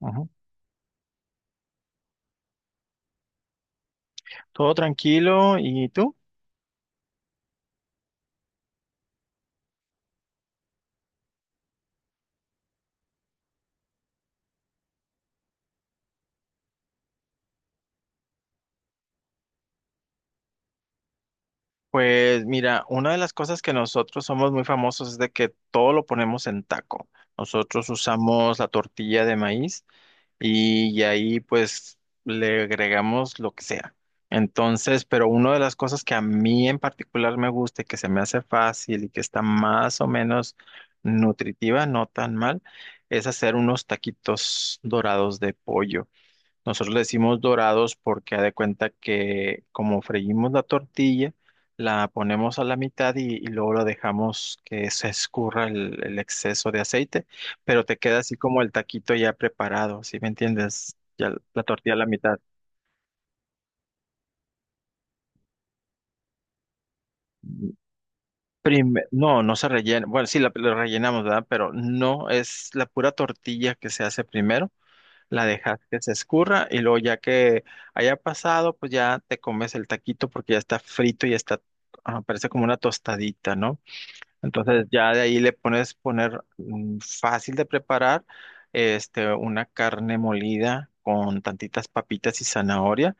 Ujú. Todo tranquilo. ¿Y tú? Pues mira, una de las cosas que nosotros somos muy famosos es de que todo lo ponemos en taco. Nosotros usamos la tortilla de maíz y ahí pues le agregamos lo que sea. Entonces, pero una de las cosas que a mí en particular me gusta y que se me hace fácil y que está más o menos nutritiva, no tan mal, es hacer unos taquitos dorados de pollo. Nosotros le decimos dorados porque haz de cuenta que como freímos la tortilla, la ponemos a la mitad y luego la dejamos que se escurra el exceso de aceite, pero te queda así como el taquito ya preparado, ¿sí me entiendes? Ya la tortilla a la mitad. No, no se rellena. Bueno, sí, la rellenamos, ¿verdad? Pero no es la pura tortilla que se hace primero la dejas que se escurra y luego ya que haya pasado, pues ya te comes el taquito porque ya está frito y está, ah, parece como una tostadita, ¿no? Entonces ya de ahí le pones poner fácil de preparar, este, una carne molida con tantitas papitas y zanahoria.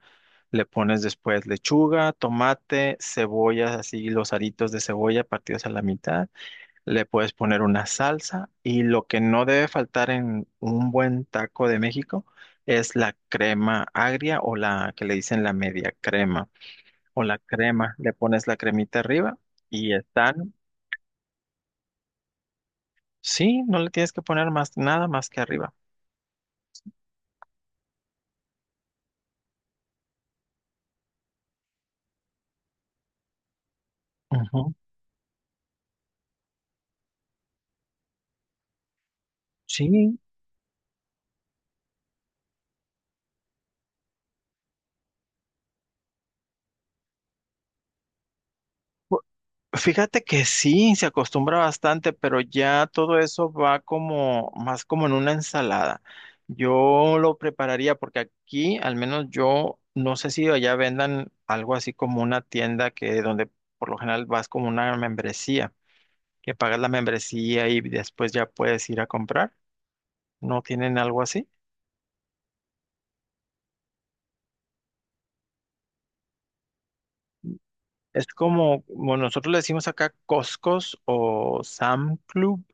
Le pones después lechuga, tomate, cebolla, así los aritos de cebolla partidos a la mitad le puedes poner una salsa y lo que no debe faltar en un buen taco de México es la crema agria o la que le dicen la media crema o la crema. Le pones la cremita arriba y están, sí, no le tienes que poner más nada más que arriba. Ujú. Sí. Fíjate que sí, se acostumbra bastante, pero ya todo eso va como más como en una ensalada. Yo lo prepararía porque aquí, al menos yo, no sé si allá vendan algo así como una tienda que donde por lo general vas como una membresía, que pagas la membresía y después ya puedes ir a comprar. ¿No tienen algo así? Es como, como nosotros le decimos acá Costcos o Sam Club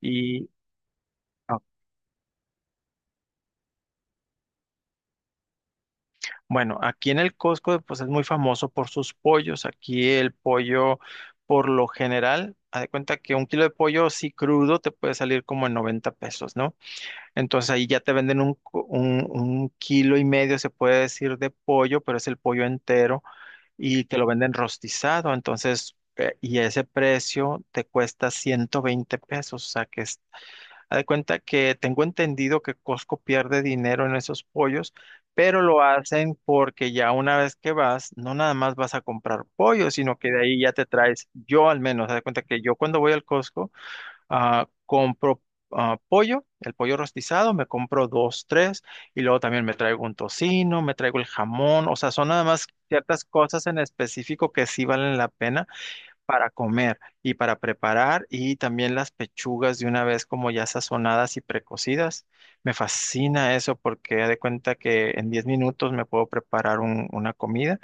y bueno, aquí en el Costco pues es muy famoso por sus pollos. Aquí el pollo, por lo general, haz de cuenta que un kilo de pollo así crudo te puede salir como en 90 pesos, ¿no? Entonces ahí ya te venden un kilo y medio, se puede decir, de pollo, pero es el pollo entero y te lo venden rostizado. Entonces, y ese precio te cuesta 120 pesos, o sea que es. Haz de cuenta que tengo entendido que Costco pierde dinero en esos pollos, pero lo hacen porque ya una vez que vas, no nada más vas a comprar pollo, sino que de ahí ya te traes, yo al menos, haz de cuenta que yo cuando voy al Costco, compro pollo, el pollo rostizado, me compro dos, tres, y luego también me traigo un tocino, me traigo el jamón, o sea, son nada más ciertas cosas en específico que sí valen la pena para comer y para preparar y también las pechugas de una vez como ya sazonadas y precocidas. Me fascina eso porque haz de cuenta que en 10 minutos me puedo preparar una comida.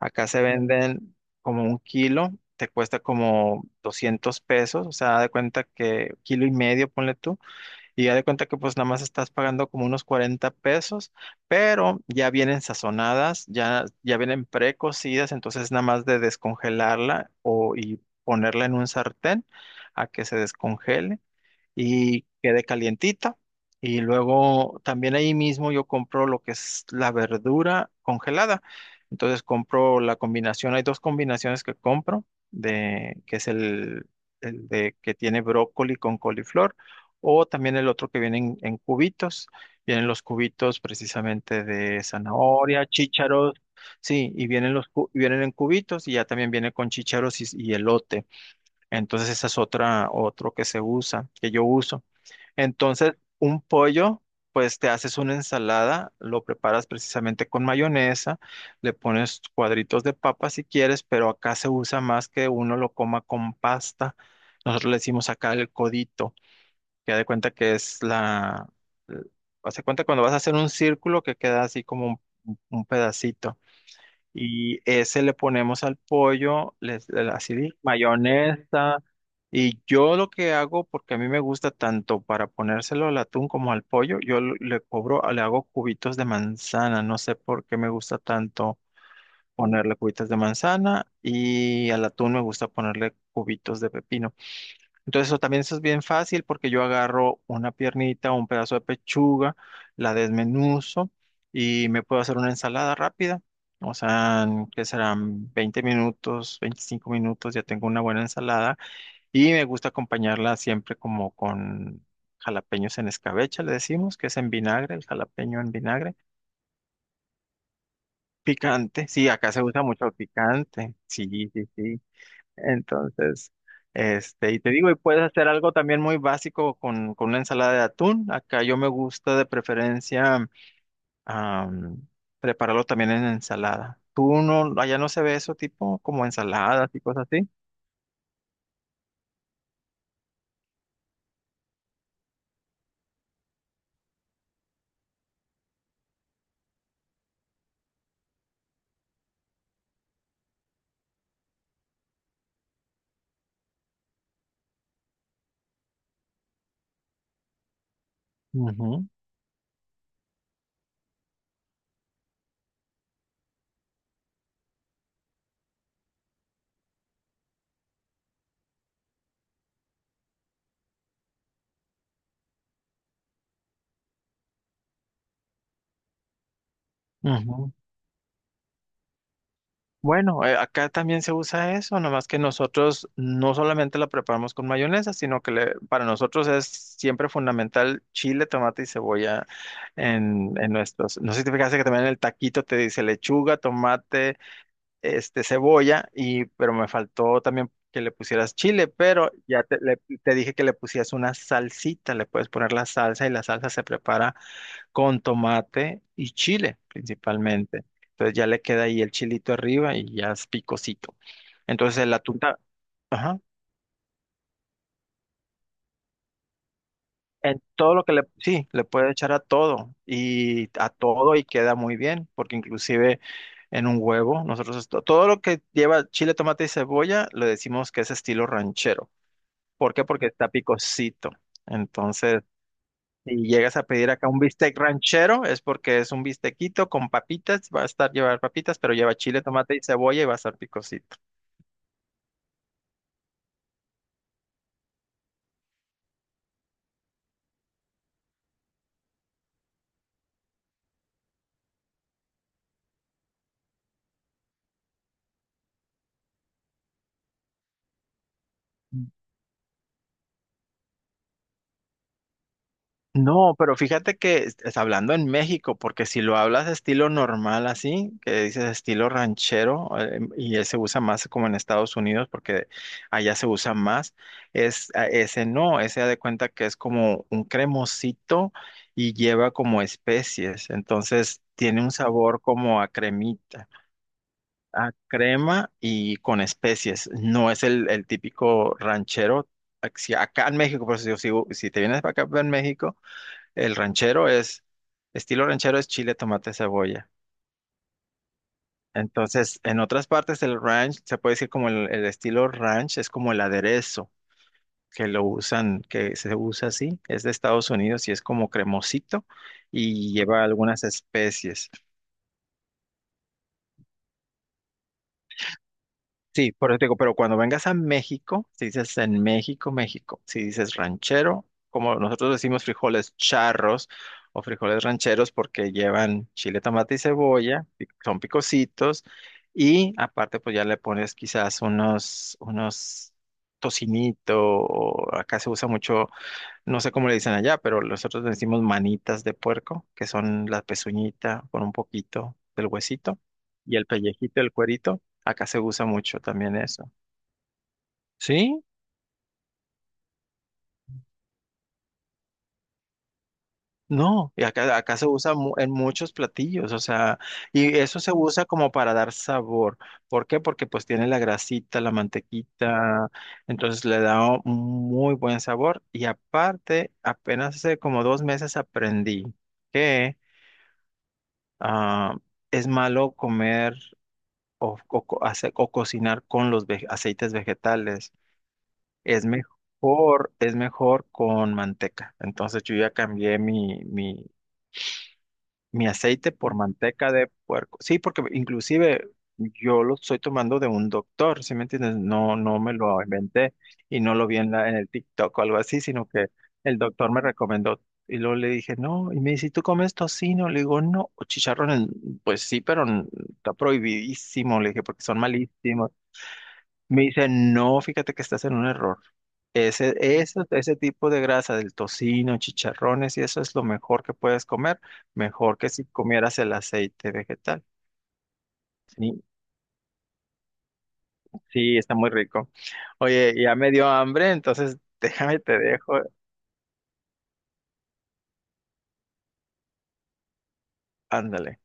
Acá se venden como un kilo, te cuesta como 200 pesos, o sea, haz de cuenta que kilo y medio, ponle tú. Y ya de cuenta que pues nada más estás pagando como unos 40 pesos, pero ya vienen sazonadas, ya vienen precocidas, entonces nada más de descongelarla y ponerla en un sartén a que se descongele y quede calientita. Y luego también ahí mismo yo compro lo que es la verdura congelada. Entonces compro la combinación, hay dos combinaciones que compro, que es el de que tiene brócoli con coliflor, o también el otro que viene en cubitos. Vienen los cubitos precisamente de zanahoria, chícharos, sí, y vienen los vienen en cubitos y ya también viene con chícharos y elote. Entonces esa es otra, otro que se usa, que yo uso. Entonces, un pollo, pues te haces una ensalada, lo preparas precisamente con mayonesa, le pones cuadritos de papa si quieres, pero acá se usa más que uno lo coma con pasta. Nosotros le decimos acá el codito, que haz de cuenta que es la... eh, Haz cuenta cuando vas a hacer un círculo que queda así como un pedacito. Y ese le ponemos al pollo, así de mayonesa. Y yo lo que hago, porque a mí me gusta tanto para ponérselo al atún como al pollo, yo le cobro, le hago cubitos de manzana. No sé por qué me gusta tanto ponerle cubitos de manzana y al atún me gusta ponerle cubitos de pepino. Entonces eso también eso es bien fácil porque yo agarro una piernita o un pedazo de pechuga, la desmenuzo y me puedo hacer una ensalada rápida. O sea, que serán 20 minutos, 25 minutos, ya tengo una buena ensalada y me gusta acompañarla siempre como con jalapeños en escabeche, le decimos, que es en vinagre, el jalapeño en vinagre. Picante, sí, acá se usa mucho el picante. Sí, sí, sí. Entonces, este, y te digo, y puedes hacer algo también muy básico con una ensalada de atún. Acá yo me gusta de preferencia am, prepararlo también en ensalada. ¿Tú no, allá no se ve eso tipo como ensaladas y cosas así? Ujú, ujú. Bueno, acá también se usa eso, nomás que nosotros no solamente la preparamos con mayonesa, sino que para nosotros es siempre fundamental chile, tomate y cebolla en nuestros. No sé si te fijaste que también en el taquito te dice lechuga, tomate, este, cebolla, y pero me faltó también que le pusieras chile, pero ya te dije que le pusieras una salsita, le puedes poner la salsa y la salsa se prepara con tomate y chile principalmente. Entonces ya le queda ahí el chilito arriba y ya es picosito. Entonces la tunta, ajá, en todo lo que le, sí, le puede echar a todo y queda muy bien, porque inclusive en un huevo, nosotros todo lo que lleva chile, tomate y cebolla, le decimos que es estilo ranchero. ¿Por qué? Porque está picosito. Entonces, si llegas a pedir acá un bistec ranchero, es porque es un bistequito con papitas, va a estar llevar papitas, pero lleva chile, tomate y cebolla y va a estar picosito. No, pero fíjate que es hablando en México, porque si lo hablas estilo normal así, que dices estilo ranchero, y él se usa más como en Estados Unidos, porque allá se usa más, ese no, ese da de cuenta que es como un cremosito y lleva como especies, entonces tiene un sabor como a cremita. A crema y con especies. No es el típico ranchero. Si acá en México, por eso digo, si te vienes para acá en México, el ranchero es, estilo ranchero es chile, tomate, cebolla. Entonces, en otras partes del ranch, se puede decir como el estilo ranch, es como el aderezo que lo usan, que se usa así, es de Estados Unidos y es como cremosito y lleva algunas especies. Sí, por eso te digo, pero cuando vengas a México, si dices en México, México, si dices ranchero, como nosotros decimos frijoles charros o frijoles rancheros porque llevan chile, tomate y cebolla, son picositos y aparte pues ya le pones quizás unos tocinito o acá se usa mucho no sé cómo le dicen allá, pero nosotros le decimos manitas de puerco, que son la pezuñita con un poquito del huesito y el pellejito, el cuerito. Acá se usa mucho también eso. ¿Sí? No, y acá se usa en muchos platillos, o sea, y eso se usa como para dar sabor. ¿Por qué? Porque pues tiene la grasita, la mantequita, entonces le da un muy buen sabor. Y aparte, apenas hace como 2 meses aprendí que ah, es malo comer o cocinar con los aceites vegetales. Es mejor con manteca. Entonces yo ya cambié mi aceite por manteca de puerco. Sí, porque inclusive yo lo estoy tomando de un doctor, ¿sí me entiendes? No, no me lo inventé y no lo vi en el TikTok o algo así, sino que el doctor me recomendó. Y luego le dije, no, y me dice, ¿y tú comes tocino? Le digo, no, o chicharrón, pues sí, pero está prohibidísimo, le dije, porque son malísimos. Me dicen, no, fíjate que estás en un error. Ese tipo de grasa del tocino, chicharrones y eso es lo mejor que puedes comer, mejor que si comieras el aceite vegetal. Sí, sí, está muy rico. Oye, ya me dio hambre, entonces déjame te dejo. Ándale.